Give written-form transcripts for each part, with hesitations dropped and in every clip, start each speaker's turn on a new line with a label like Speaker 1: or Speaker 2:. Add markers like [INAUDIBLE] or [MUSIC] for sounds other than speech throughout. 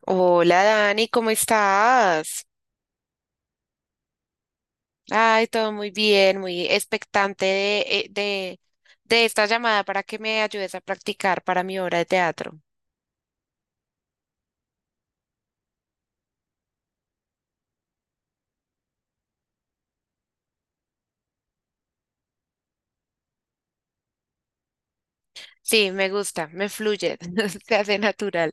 Speaker 1: Hola Dani, ¿cómo estás? Ay, todo muy bien, muy expectante de esta llamada para que me ayudes a practicar para mi obra de teatro. Sí, me gusta, me fluye, [LAUGHS] se hace natural.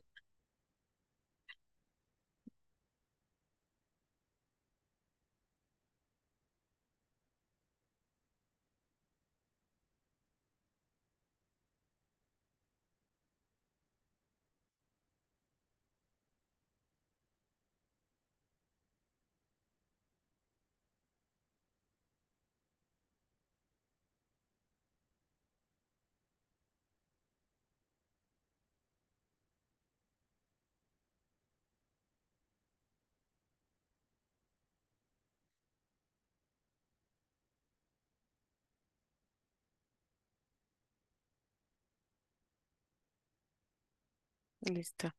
Speaker 1: Listo,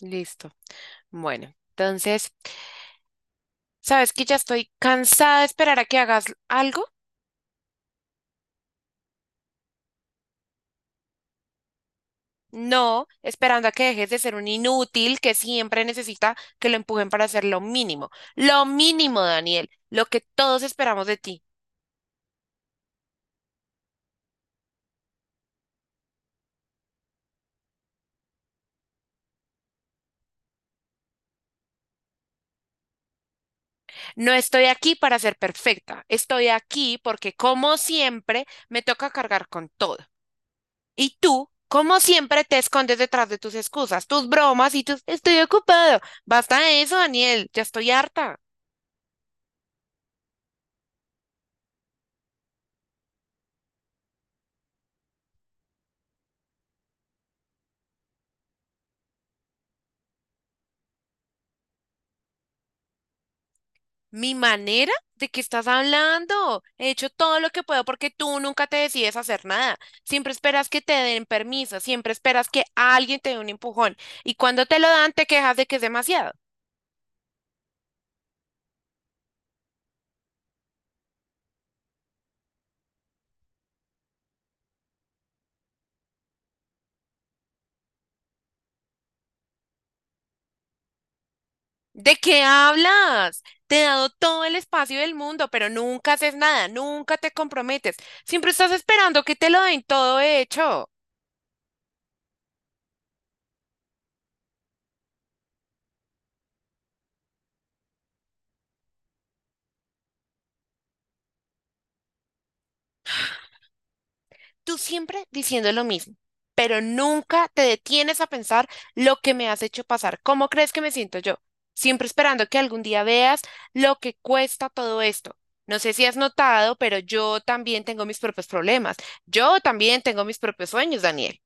Speaker 1: listo. Bueno, entonces, ¿sabes que ya estoy cansada de esperar a que hagas algo? No, esperando a que dejes de ser un inútil que siempre necesita que lo empujen para hacer lo mínimo. Lo mínimo, Daniel, lo que todos esperamos de ti. No estoy aquí para ser perfecta, estoy aquí porque como siempre me toca cargar con todo. Y tú, como siempre, te escondes detrás de tus excusas, tus bromas y tus estoy ocupado. Basta de eso, Daniel, ya estoy harta. Mi manera. ¿De qué estás hablando? He hecho todo lo que puedo porque tú nunca te decides hacer nada. Siempre esperas que te den permiso, siempre esperas que alguien te dé un empujón. Y cuando te lo dan, te quejas de que es demasiado. ¿De qué hablas? Te he dado todo el espacio del mundo, pero nunca haces nada, nunca te comprometes. Siempre estás esperando que te lo den todo hecho. Tú siempre diciendo lo mismo, pero nunca te detienes a pensar lo que me has hecho pasar. ¿Cómo crees que me siento yo? Siempre esperando que algún día veas lo que cuesta todo esto. No sé si has notado, pero yo también tengo mis propios problemas. Yo también tengo mis propios sueños, Daniel.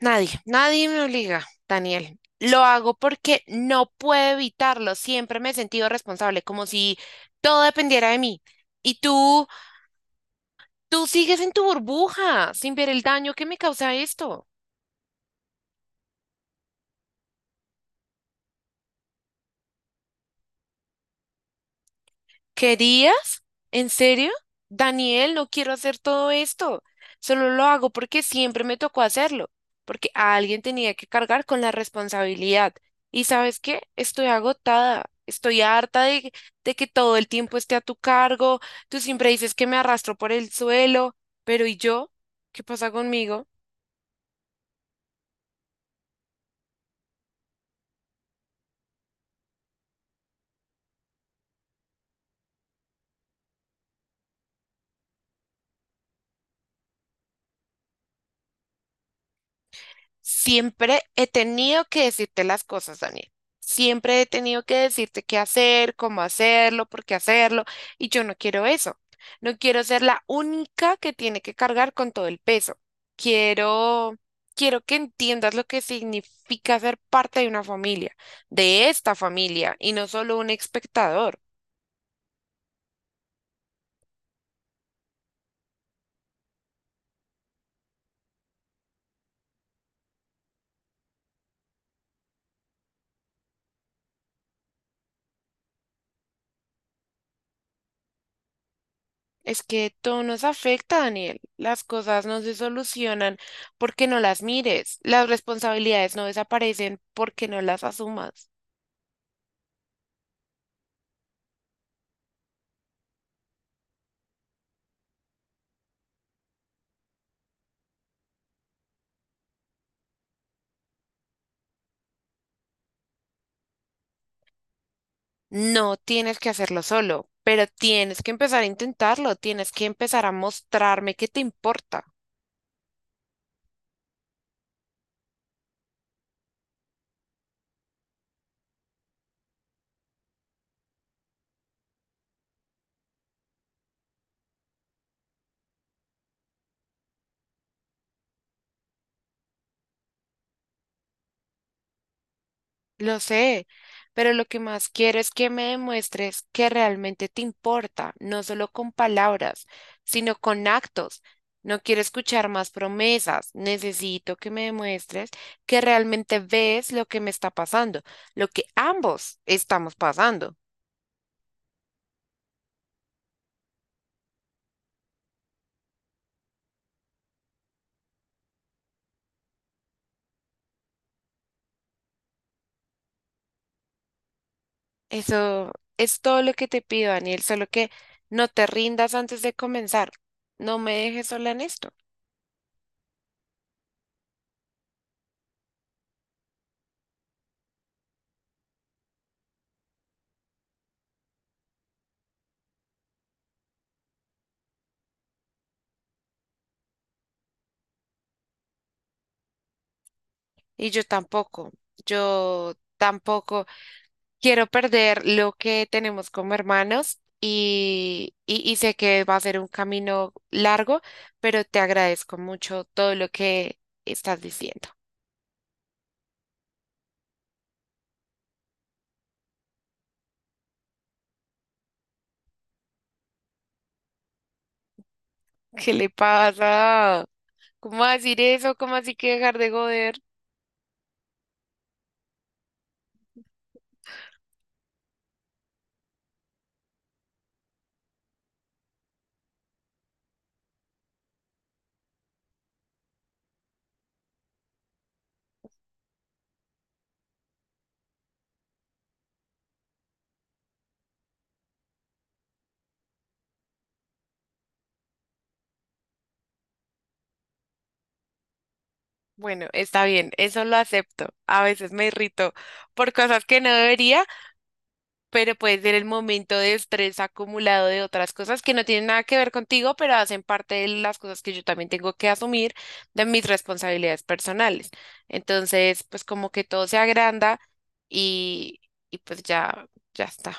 Speaker 1: Nadie, nadie me obliga, Daniel. Lo hago porque no puedo evitarlo. Siempre me he sentido responsable, como si todo dependiera de mí. Y tú sigues en tu burbuja sin ver el daño que me causa esto. ¿Querías? ¿En serio? Daniel, no quiero hacer todo esto. Solo lo hago porque siempre me tocó hacerlo, porque a alguien tenía que cargar con la responsabilidad. ¿Y sabes qué? Estoy agotada. Estoy harta de que todo el tiempo esté a tu cargo. Tú siempre dices que me arrastro por el suelo, pero ¿y yo? ¿Qué pasa conmigo? Siempre he tenido que decirte las cosas, Daniel. Siempre he tenido que decirte qué hacer, cómo hacerlo, por qué hacerlo, y yo no quiero eso. No quiero ser la única que tiene que cargar con todo el peso. Quiero, quiero que entiendas lo que significa ser parte de una familia, de esta familia, y no solo un espectador. Es que todo nos afecta, Daniel. Las cosas no se solucionan porque no las mires. Las responsabilidades no desaparecen porque no las asumas. No tienes que hacerlo solo, pero tienes que empezar a intentarlo. Tienes que empezar a mostrarme que te importa. Lo sé, pero lo que más quiero es que me demuestres que realmente te importa, no solo con palabras, sino con actos. No quiero escuchar más promesas, necesito que me demuestres que realmente ves lo que me está pasando, lo que ambos estamos pasando. Eso es todo lo que te pido, Daniel, solo que no te rindas antes de comenzar. No me dejes sola en esto. Y yo tampoco, yo tampoco. Quiero perder lo que tenemos como hermanos y sé que va a ser un camino largo, pero te agradezco mucho todo lo que estás diciendo. [LAUGHS] ¿Qué le pasa? ¿Cómo va a decir eso? ¿Cómo así que dejar de joder? Bueno, está bien, eso lo acepto. A veces me irrito por cosas que no debería, pero puede ser el momento de estrés acumulado de otras cosas que no tienen nada que ver contigo, pero hacen parte de las cosas que yo también tengo que asumir de mis responsabilidades personales. Entonces, pues como que todo se agranda y, y pues ya, ya está.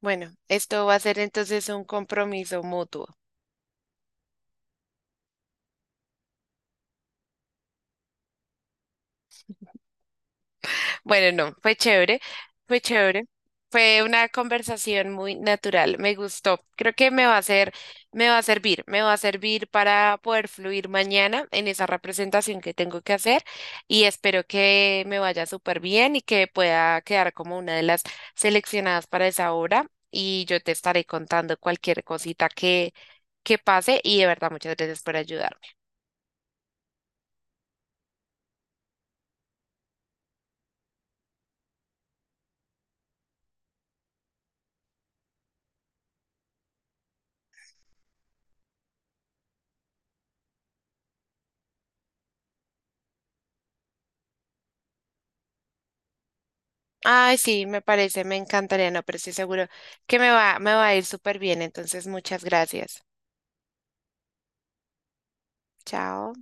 Speaker 1: Bueno, esto va a ser entonces un compromiso mutuo. Bueno, no, fue chévere, fue chévere. Fue una conversación muy natural, me gustó. Creo que me va a hacer, me va a servir, me va a servir para poder fluir mañana en esa representación que tengo que hacer y espero que me vaya súper bien y que pueda quedar como una de las seleccionadas para esa obra y yo te estaré contando cualquier cosita que pase y de verdad muchas gracias por ayudar. Ay, sí, me parece, me encantaría, no, pero estoy seguro que me va a ir súper bien. Entonces, muchas gracias. Chao.